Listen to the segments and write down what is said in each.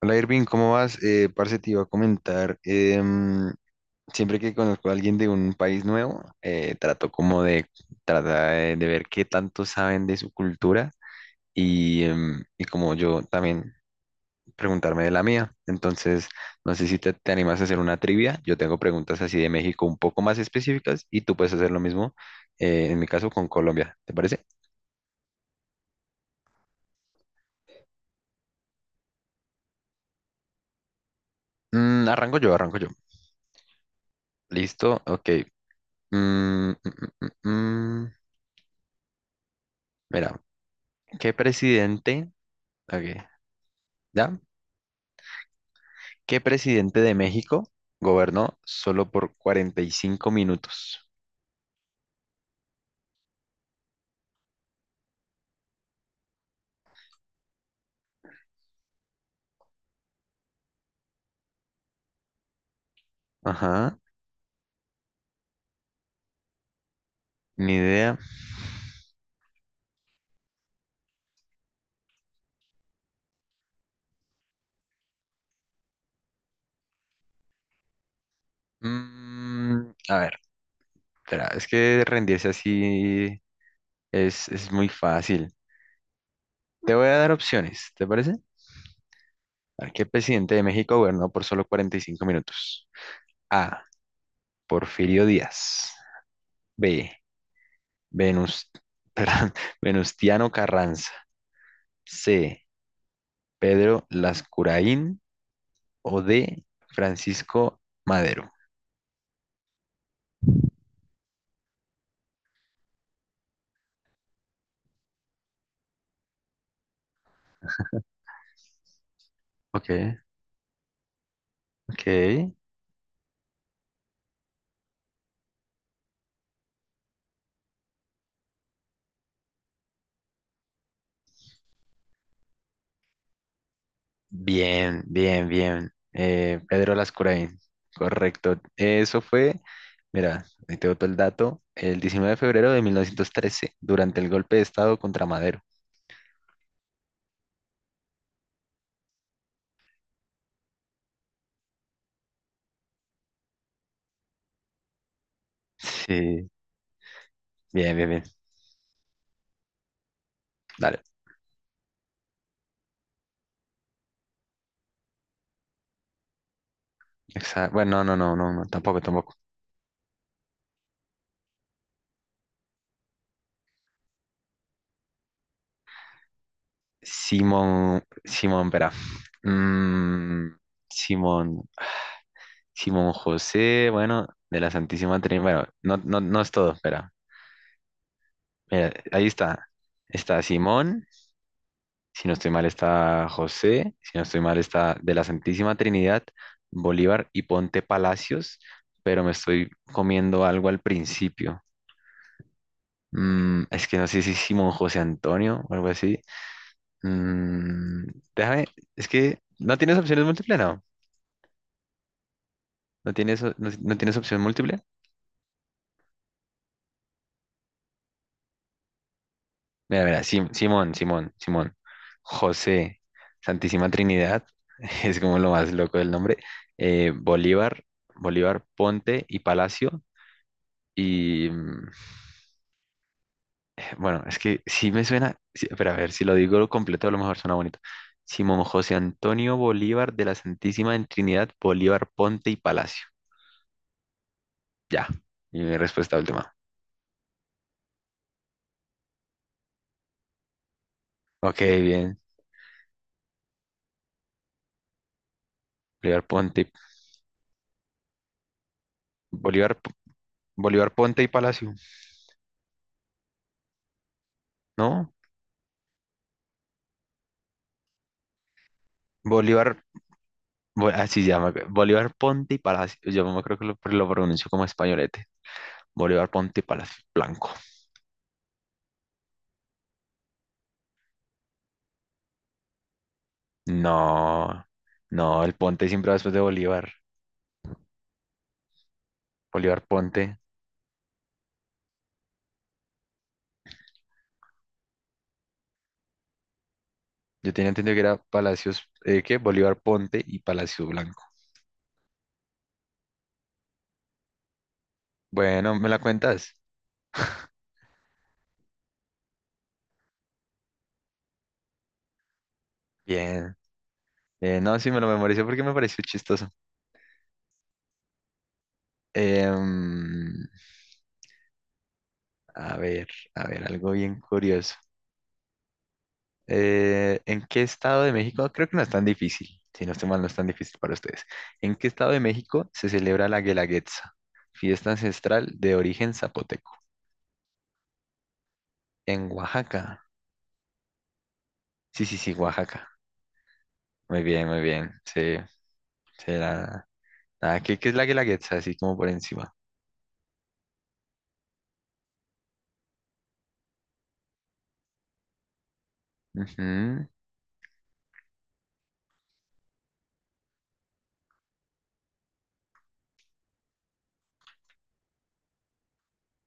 Hola Irving, ¿cómo vas? Parce, te iba a comentar, siempre que conozco a alguien de un país nuevo, trato como de tratar de ver qué tanto saben de su cultura y como yo también preguntarme de la mía. Entonces, no sé si te animas a hacer una trivia. Yo tengo preguntas así de México un poco más específicas y tú puedes hacer lo mismo, en mi caso con Colombia, ¿te parece? Arranco yo, arranco yo. Listo, ok. Mm, mm, mm, mm, mm. Mira. ¿Qué presidente? Ok, ¿ya? ¿Qué presidente de México gobernó solo por 45 minutos? Ajá, ni idea. A ver, espera, es que rendirse así es muy fácil. Te voy a dar opciones, ¿te parece? A ver, ¿qué presidente de México gobernó por solo 45 minutos? A. Porfirio Díaz. B. Venus, perdón, Venustiano Carranza. C. Pedro Lascuraín. O de Francisco Madero. Ok, ok. Bien, bien, bien. Pedro Lascurain. Correcto. Eso fue, mira, ahí te boto el dato, el 19 de febrero de 1913, durante el golpe de Estado contra Madero. Sí, bien, bien, bien. Dale. Bueno, no, no, no, no, tampoco, tampoco. Simón, Simón, espera. Mm, Simón, Simón José, bueno, de la Santísima Trinidad. Bueno, no, no, no es todo, espera. Mira, ahí está. Está Simón, si no estoy mal está José, si no estoy mal está de la Santísima Trinidad, Bolívar y Ponte Palacios, pero me estoy comiendo algo al principio. Es que no sé si Simón José Antonio o algo así. Mm, déjame, es que no tienes opciones múltiples, no. No tienes, no tienes opción múltiple. Mira, mira, Simón, Simón, Simón. José, Santísima Trinidad, es como lo más loco del nombre. eh, Bolívar, Bolívar Ponte y Palacio. Y bueno, es que sí me suena, sí, pero a ver, si lo digo completo, a lo mejor suena bonito. Simón José Antonio Bolívar de la Santísima en Trinidad, Bolívar Ponte y Palacio. Ya, y mi respuesta última. Ok, bien. Bolívar Ponte, Bolívar, Bolívar Ponte y Palacio, ¿no? Bolívar. Así se llama. Bolívar Ponte y Palacio. Yo me creo que lo pronuncio como españolete. Bolívar Ponte y Palacio Blanco. No, no, el Ponte siempre va después de Bolívar. Bolívar Ponte. Yo tenía entendido que era Palacios, ¿qué? Bolívar Ponte y Palacio Blanco. Bueno, ¿me la cuentas? Bien. No, sí, me lo memoricé porque me pareció chistoso. Em, a ver, a ver, algo bien curioso. ¿En qué estado de México? No, creo que no es tan difícil, si no estoy mal, no es tan difícil para ustedes. ¿En qué estado de México se celebra la Guelaguetza, fiesta ancestral de origen zapoteco? En Oaxaca. Sí, sí, sí, Oaxaca. Muy bien, muy bien. Sí, sí, ¿qué es la Guelaguetza? Así como por encima. Ujú,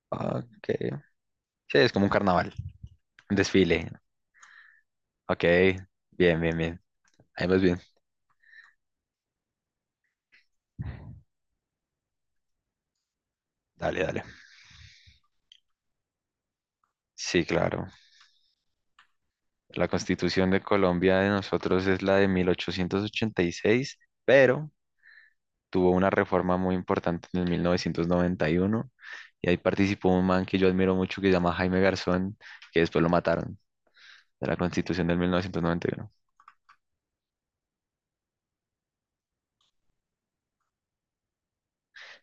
ok. Sí, es como un carnaval, un desfile. Ok, bien, bien, bien. Ahí vas bien. Dale, dale. Sí, claro. La Constitución de Colombia de nosotros es la de 1886, pero tuvo una reforma muy importante en el 1991 y ahí participó un man que yo admiro mucho que se llama Jaime Garzón, que después lo mataron. De la Constitución del 1991.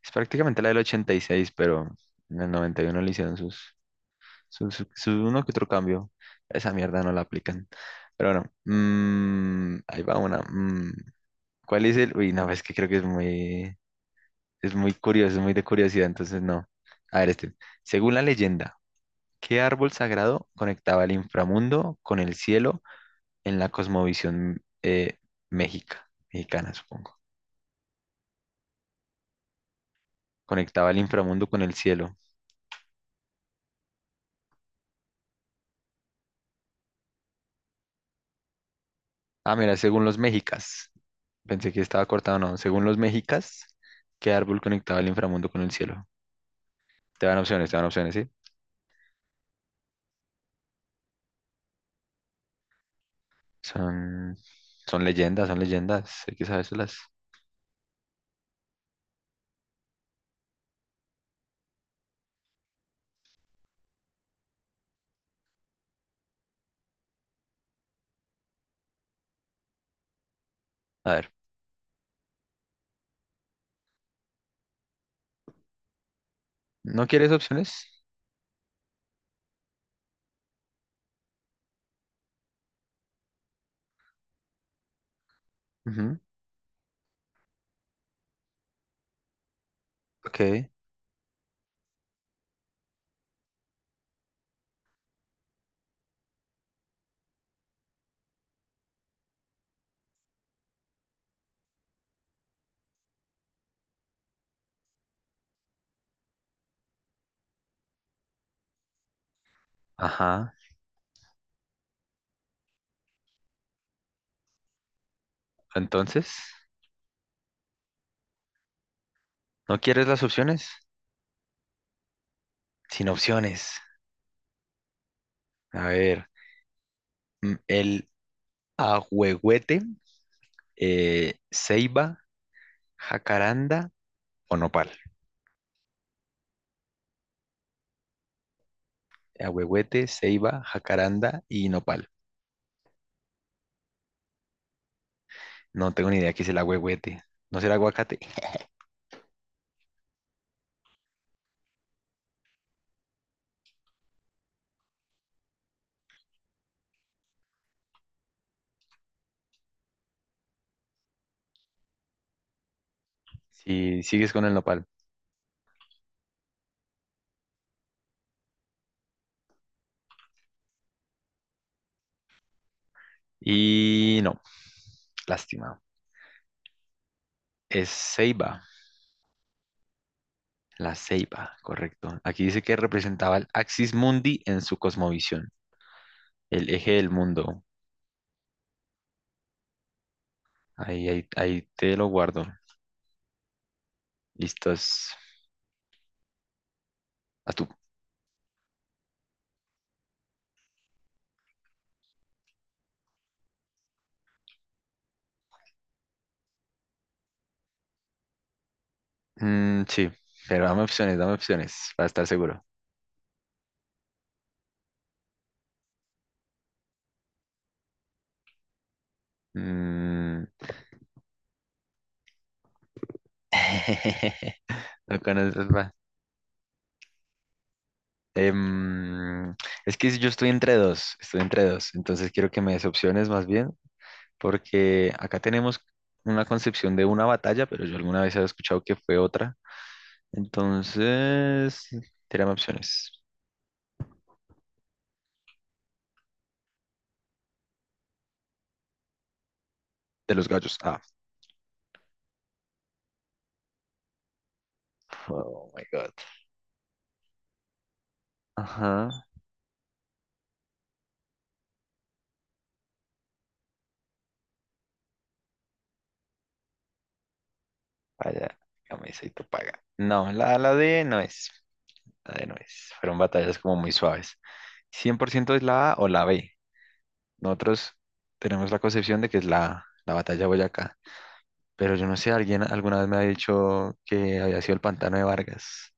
Es prácticamente la del ochenta y seis, pero en el 91 le hicieron sus, sus, su uno que otro cambio. Esa mierda no la aplican. Pero bueno, ahí va una. Mm. ¿Cuál es el...? Uy, no, es que creo que es muy curioso, es muy de curiosidad, entonces no. A ver, este. Según la leyenda, ¿qué árbol sagrado conectaba el inframundo con el cielo en la cosmovisión mexica? Mexicana, supongo. Conectaba el inframundo con el cielo. Ah, mira, según los mexicas. Pensé que estaba cortado, no. Según los mexicas, ¿qué árbol conectaba el inframundo con el cielo? Te dan opciones, ¿sí? Son, son leyendas, son leyendas. Hay que sabérselas. A ver, ¿no quieres opciones? Ujú, ok. Ajá. Entonces, ¿no quieres las opciones? Sin opciones. A ver, el ahuehuete, ceiba, jacaranda o nopal. Ahuehuete, ceiba, jacaranda y nopal. No tengo ni idea qué es el ahuehuete. ¿No será aguacate? Si sigues con el nopal. Y no, lástima. Es ceiba, la ceiba, correcto. Aquí dice que representaba el Axis Mundi en su cosmovisión, el eje del mundo. Ahí, ahí, ahí te lo guardo. Listos. A tú. Sí, pero dame opciones para estar seguro. Mm. No conoces más. Em, es que yo estoy entre dos, entonces quiero que me des opciones más bien, porque acá tenemos una concepción de una batalla, pero yo alguna vez he escuchado que fue otra. Entonces, tírame opciones. De los gallos. Ah, oh my God. Ajá, vaya, camisa y tu paga. No, la D no es. Bueno, fueron batallas como muy suaves. ¿100% es la A o la B? Nosotros tenemos la concepción de que es la, A, la batalla de Boyacá. Pero yo no sé, alguien alguna vez me ha dicho que había sido el pantano de Vargas.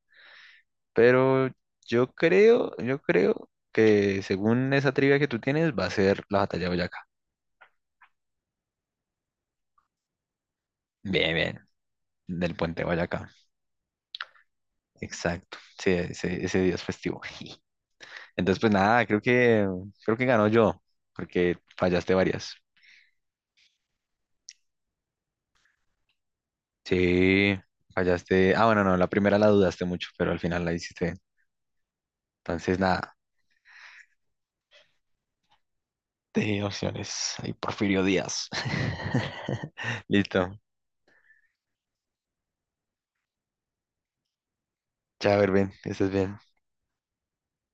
Pero yo creo que según esa trivia que tú tienes, va a ser la batalla de Boyacá. Bien, bien, del puente de Boyacá. Exacto. Sí, ese día es festivo. Entonces, pues nada, creo que ganó yo, porque fallaste varias. Sí, fallaste. Ah, bueno, no, la primera la dudaste mucho, pero al final la hiciste bien. Entonces, nada, te opciones. Ahí Porfirio Díaz. Listo. Chao, Erwin, que estés bien.